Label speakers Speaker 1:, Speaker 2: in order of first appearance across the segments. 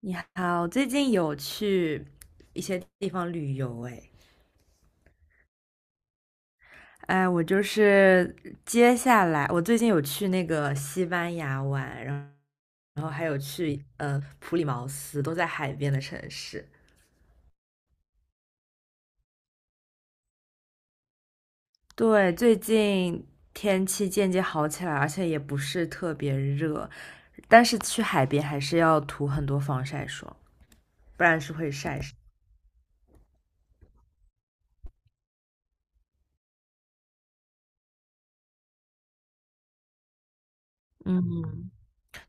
Speaker 1: 你好，最近有去一些地方旅游哎，哎，我就是接下来，我最近有去那个西班牙玩，然后还有去普里茅斯，都在海边的城市。对，最近天气渐渐好起来，而且也不是特别热，但是去海边还是要涂很多防晒霜，不然是会晒伤。嗯，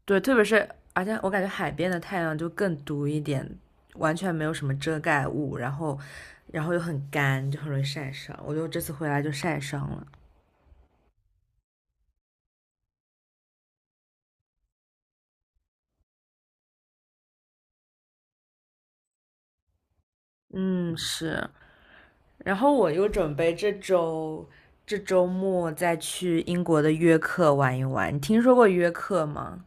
Speaker 1: 对，特别是而且我感觉海边的太阳就更毒一点，完全没有什么遮盖物，然后又很干，就很容易晒伤。我就这次回来就晒伤了。嗯，是。然后我又准备这周，这周末再去英国的约克玩一玩。你听说过约克吗？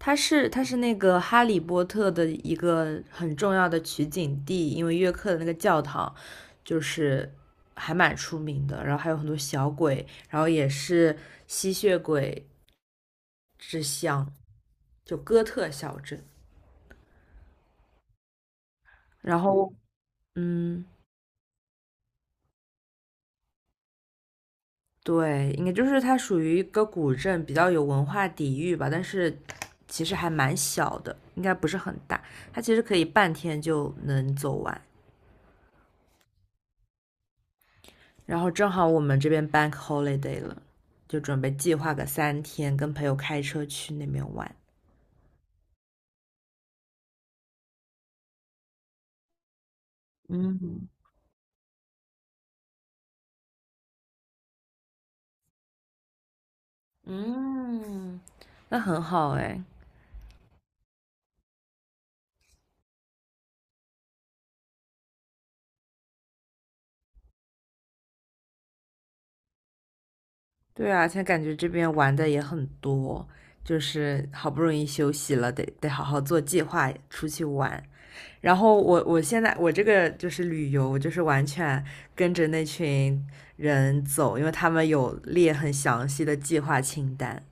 Speaker 1: 它是那个《哈利波特》的一个很重要的取景地，因为约克的那个教堂就是还蛮出名的，然后还有很多小鬼，然后也是吸血鬼之乡，就哥特小镇。然后，嗯，对，应该就是它属于一个古镇，比较有文化底蕴吧，但是其实还蛮小的，应该不是很大，它其实可以半天就能走完。然后正好我们这边 bank holiday 了，就准备计划个三天，跟朋友开车去那边玩。嗯嗯，那很好哎。对啊，现在感觉这边玩的也很多，就是好不容易休息了，得好好做计划出去玩。然后我现在我这个就是旅游，我就是完全跟着那群人走，因为他们有列很详细的计划清单。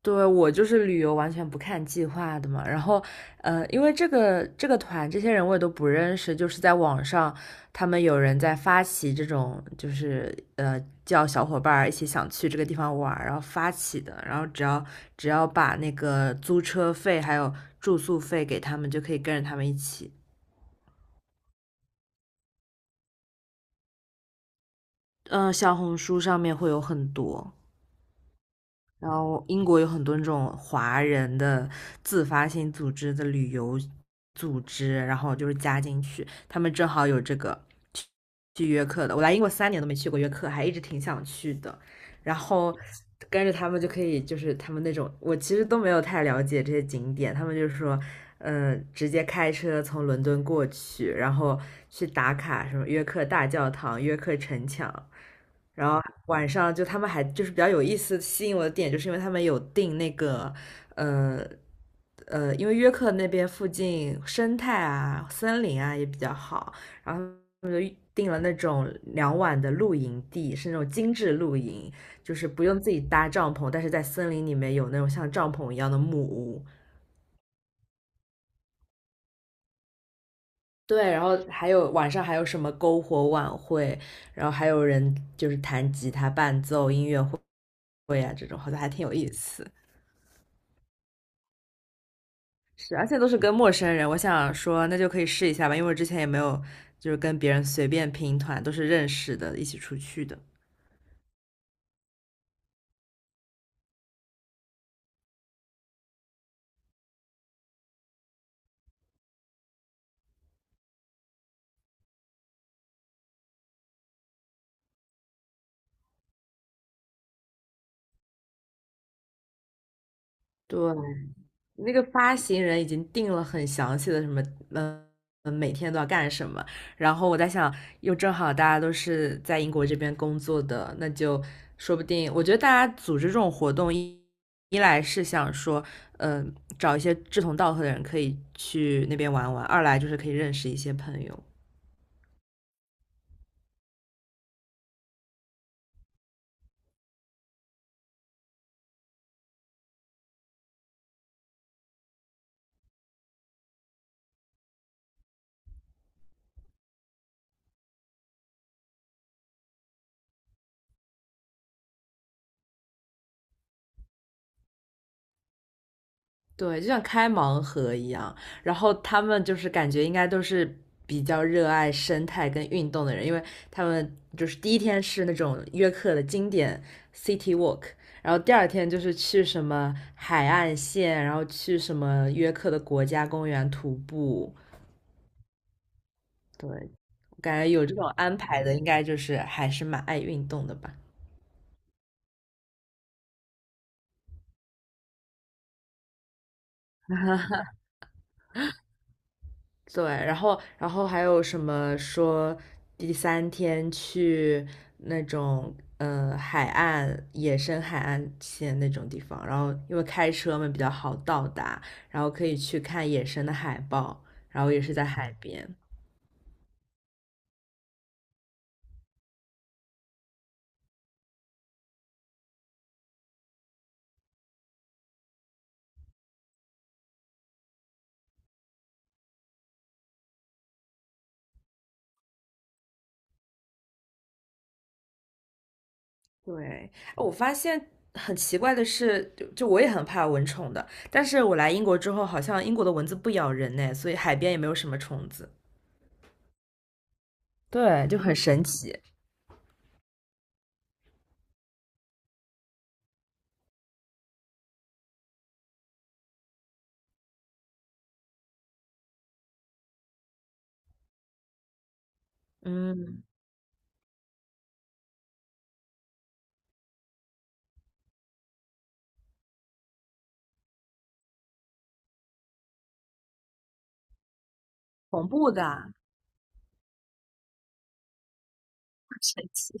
Speaker 1: 对，我就是旅游完全不看计划的嘛，然后，呃，因为这个团这些人我也都不认识，就是在网上他们有人在发起这种，就是叫小伙伴一起想去这个地方玩然后发起的，然后只要把那个租车费还有住宿费给他们，就可以跟着他们一起。嗯、小红书上面会有很多。然后英国有很多那种华人的自发性组织的旅游组织，然后就是加进去，他们正好有这个去去约克的。我来英国三年都没去过约克，还一直挺想去的。然后跟着他们就可以，就是他们那种，我其实都没有太了解这些景点，他们就是说，嗯，直接开车从伦敦过去，然后去打卡什么约克大教堂、约克城墙。然后晚上就他们还就是比较有意思，吸引我的点就是因为他们有订那个，呃因为约克那边附近生态啊、森林啊也比较好，然后他们就订了那种2晚的露营地，是那种精致露营，就是不用自己搭帐篷，但是在森林里面有那种像帐篷一样的木屋。对，然后还有晚上还有什么篝火晚会，然后还有人就是弹吉他伴奏音乐会啊，这种好像还挺有意思。是，而且都是跟陌生人，我想说那就可以试一下吧，因为我之前也没有就是跟别人随便拼团，都是认识的，一起出去的。对，那个发行人已经定了很详细的什么，嗯，嗯每天都要干什么。然后我在想，又正好大家都是在英国这边工作的，那就说不定，我觉得大家组织这种活动一，一来是想说，嗯、找一些志同道合的人可以去那边玩玩；二来就是可以认识一些朋友。对，就像开盲盒一样，然后他们就是感觉应该都是比较热爱生态跟运动的人，因为他们就是第一天是那种约克的经典 city walk，然后第二天就是去什么海岸线，然后去什么约克的国家公园徒步。对，我感觉有这种安排的，应该就是还是蛮爱运动的吧。对，然后还有什么说第三天去那种海岸野生海岸线那种地方，然后因为开车嘛比较好到达，然后可以去看野生的海豹，然后也是在海边。对，哎我发现很奇怪的是，就我也很怕蚊虫的，但是我来英国之后，好像英国的蚊子不咬人呢，所以海边也没有什么虫子。对，就很神奇。嗯，恐怖的，很神奇。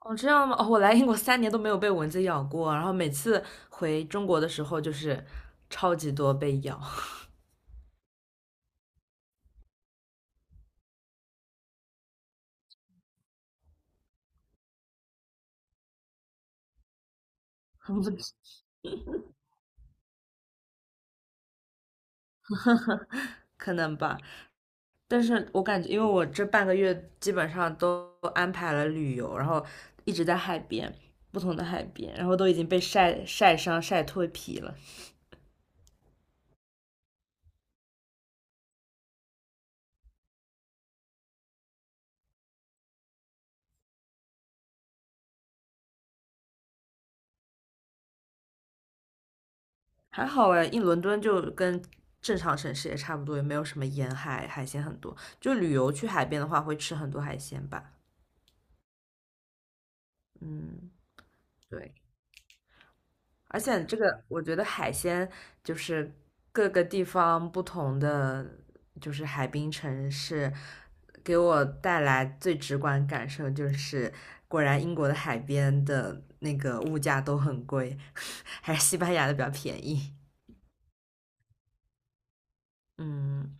Speaker 1: 哦，这样吗？哦，我来英国三年都没有被蚊子咬过，然后每次回中国的时候就是超级多被咬，可能吧。但是我感觉，因为我这半个月基本上都安排了旅游，然后一直在海边，不同的海边，然后都已经被晒伤、晒脱皮了。还好哎，一伦敦就跟正常城市也差不多，也没有什么沿海，海鲜很多。就旅游去海边的话，会吃很多海鲜吧。嗯，对。而且这个，我觉得海鲜就是各个地方不同的，就是海滨城市，给我带来最直观感受就是，果然英国的海边的那个物价都很贵，还是西班牙的比较便宜。嗯，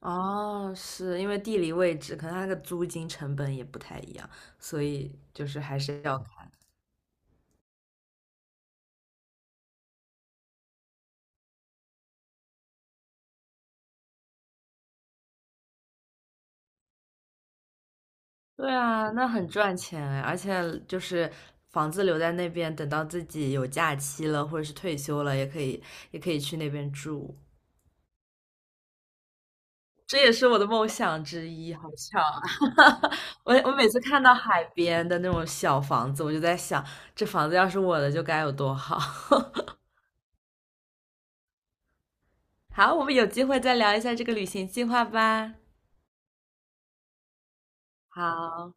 Speaker 1: 哦，是因为地理位置，可能它那个租金成本也不太一样，所以就是还是要看。对啊，那很赚钱哎，而且就是房子留在那边，等到自己有假期了或者是退休了，也可以去那边住。这也是我的梦想之一，好巧啊！我每次看到海边的那种小房子，我就在想，这房子要是我的，就该有多好。好，我们有机会再聊一下这个旅行计划吧。好。